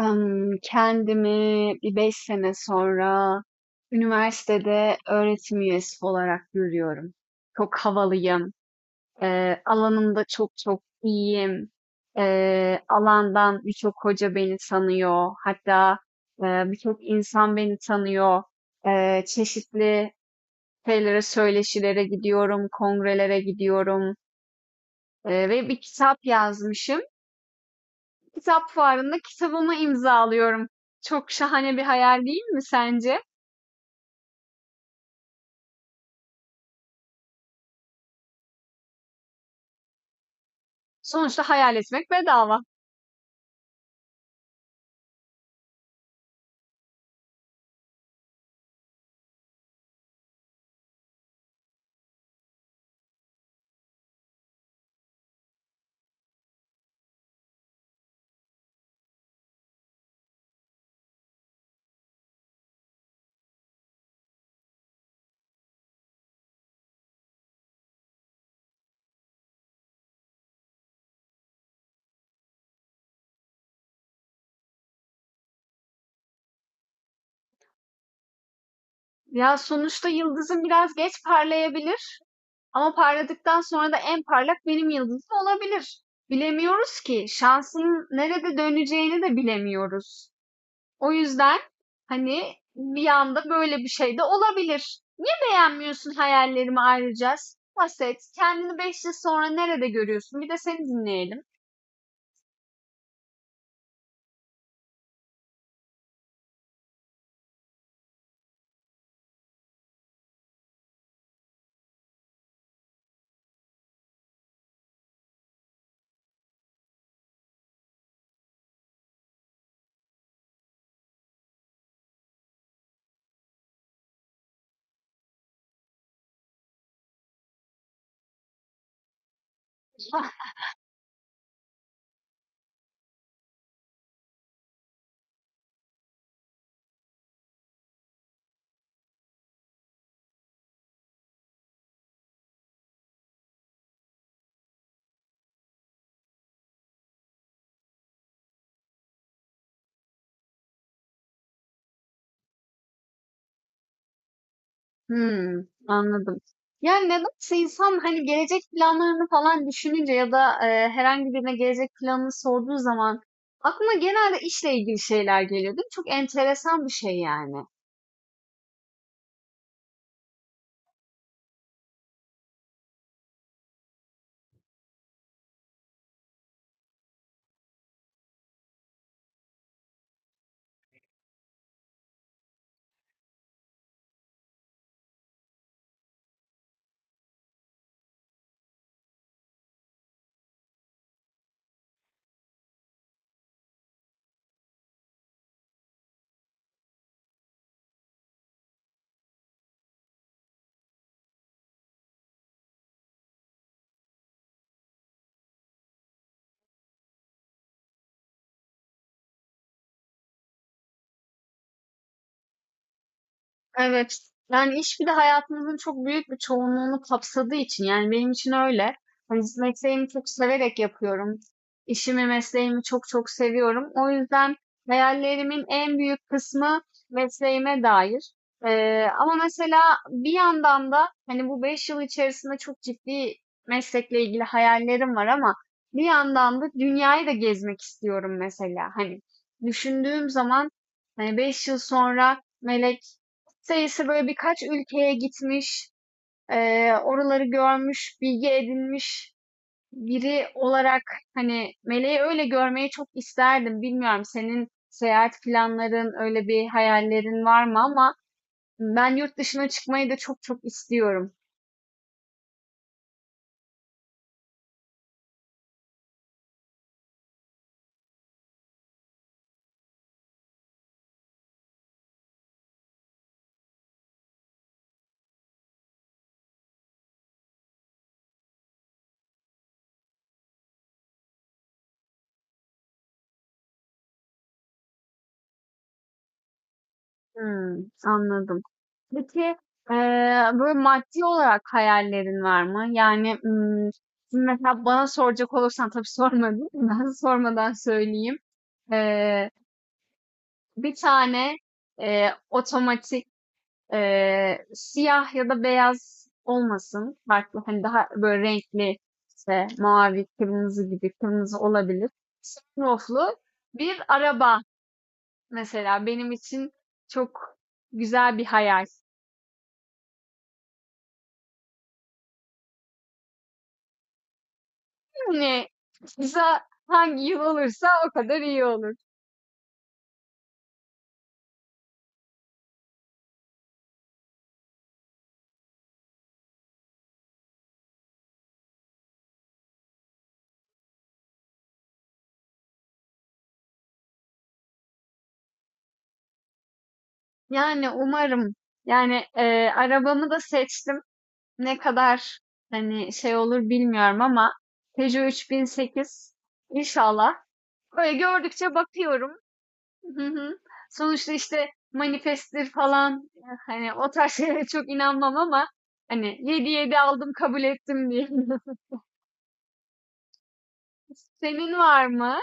Kendimi bir 5 sene sonra üniversitede öğretim üyesi olarak görüyorum. Çok havalıyım, alanımda çok çok iyiyim. Alandan birçok hoca beni tanıyor. Hatta, birçok insan beni tanıyor. Çeşitli şeylere, söyleşilere gidiyorum, kongrelere gidiyorum, ve bir kitap yazmışım. Kitap fuarında kitabımı imzalıyorum. Çok şahane bir hayal değil mi sence? Sonuçta hayal etmek bedava. Ya sonuçta yıldızın biraz geç parlayabilir. Ama parladıktan sonra da en parlak benim yıldızım olabilir. Bilemiyoruz ki. Şansın nerede döneceğini de bilemiyoruz. O yüzden hani bir anda böyle bir şey de olabilir. Niye beğenmiyorsun hayallerimi ayrıca? Bahset. Kendini 5 yıl sonra nerede görüyorsun? Bir de seni dinleyelim. Hımm, anladım. Yani, nedense insan, hani, gelecek planlarını falan düşününce ya da, herhangi birine gelecek planını sorduğu zaman aklına genelde işle ilgili şeyler geliyor, değil mi? Çok enteresan bir şey yani. Evet. Yani iş bir de hayatımızın çok büyük bir çoğunluğunu kapsadığı için yani benim için öyle. Hani mesleğimi çok severek yapıyorum. İşimi, mesleğimi çok çok seviyorum. O yüzden hayallerimin en büyük kısmı mesleğime dair. Ama mesela bir yandan da hani bu 5 yıl içerisinde çok ciddi meslekle ilgili hayallerim var ama bir yandan da dünyayı da gezmek istiyorum mesela. Hani düşündüğüm zaman hani 5 yıl sonra Melek sayısı böyle birkaç ülkeye gitmiş, oraları görmüş, bilgi edinmiş biri olarak hani Meleği öyle görmeyi çok isterdim. Bilmiyorum senin seyahat planların, öyle bir hayallerin var mı ama ben yurt dışına çıkmayı da çok çok istiyorum. Hmm, anladım. Peki eee, böyle maddi olarak hayallerin var mı? Yani hmm, şimdi mesela bana soracak olursan tabii sormadın. Ben sormadan söyleyeyim. Bir tane, otomatik, siyah ya da beyaz olmasın. Farklı, hani, daha böyle renkli, işte, mavi, kırmızı gibi, kırmızı olabilir. Sunroof'lu bir araba mesela benim için çok güzel bir hayal. Hani, kısa hangi yıl olursa o kadar iyi olur. Yani umarım. Yani, arabamı da seçtim. Ne kadar hani şey olur bilmiyorum ama Peugeot 3008 inşallah. Böyle gördükçe bakıyorum. Hı hı. Sonuçta işte manifesttir falan hani o tarz şeylere çok inanmam ama hani 7-7 aldım kabul ettim diye. Senin var mı?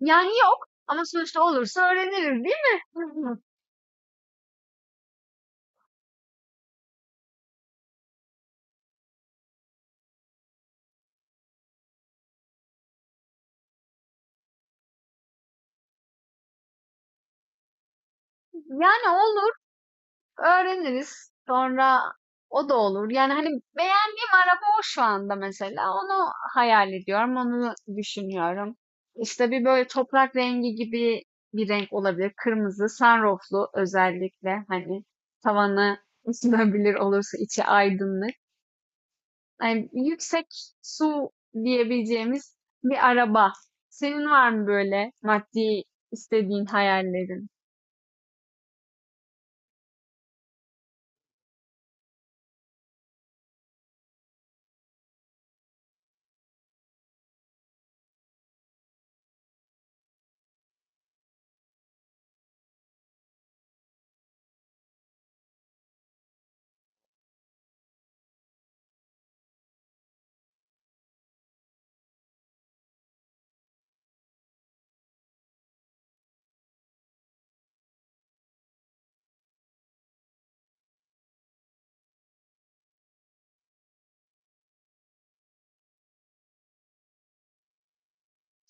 Yani yok ama sonuçta olursa öğreniriz değil mi? Yani olur. Öğreniriz. Sonra o da olur. Yani hani beğendiğim araba o şu anda mesela. Onu hayal ediyorum, onu düşünüyorum. İşte bir böyle toprak rengi gibi bir renk olabilir. Kırmızı, sunrooflu özellikle hani tavanı ısınabilir olursa içi aydınlık. Yani yüksek su diyebileceğimiz bir araba. Senin var mı böyle maddi istediğin hayallerin?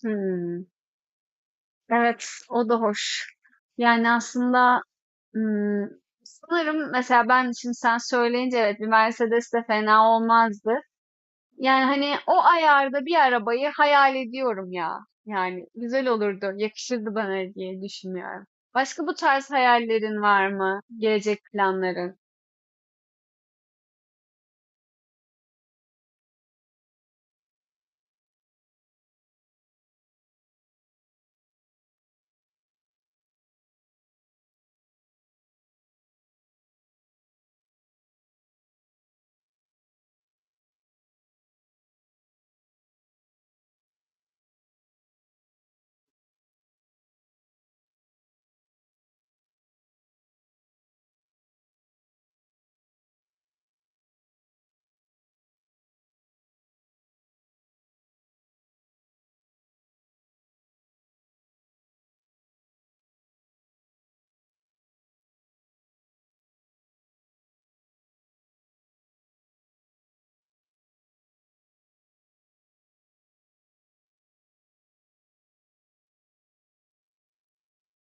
Hmm. Evet, o da hoş. Yani aslında ım, sanırım mesela ben şimdi sen söyleyince evet bir Mercedes de fena olmazdı. Yani hani o ayarda bir arabayı hayal ediyorum ya. Yani güzel olurdu, yakışırdı bana diye düşünüyorum. Başka bu tarz hayallerin var mı? Gelecek planların?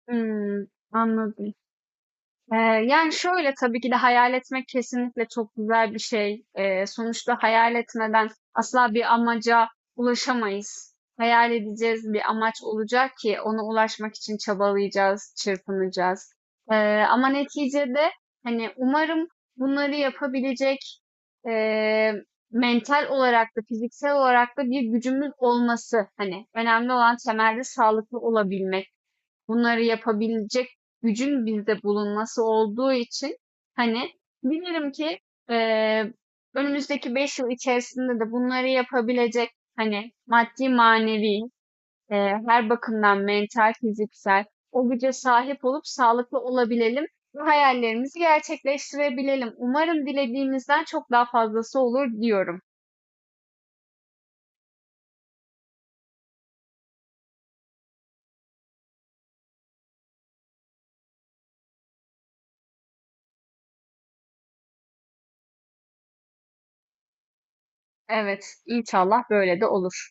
Hmm, anladım. Eee, Yani, şöyle, tabii ki de hayal etmek kesinlikle çok güzel bir şey. Sonuçta hayal etmeden asla bir amaca ulaşamayız. Hayal edeceğiz, bir amaç olacak ki ona ulaşmak için çabalayacağız, çırpınacağız. Ama neticede, hani, umarım bunları yapabilecek, eee, mental olarak da fiziksel olarak da bir gücümüz olması, hani, önemli olan temelde sağlıklı olabilmek bunları yapabilecek gücün bizde bulunması olduğu için hani bilirim ki eee, önümüzdeki 5 yıl içerisinde de bunları yapabilecek hani maddi manevi her bakımdan mental fiziksel o güce sahip olup sağlıklı olabilelim ve hayallerimizi gerçekleştirebilelim. Umarım dilediğimizden çok daha fazlası olur diyorum. Evet, inşallah böyle de olur.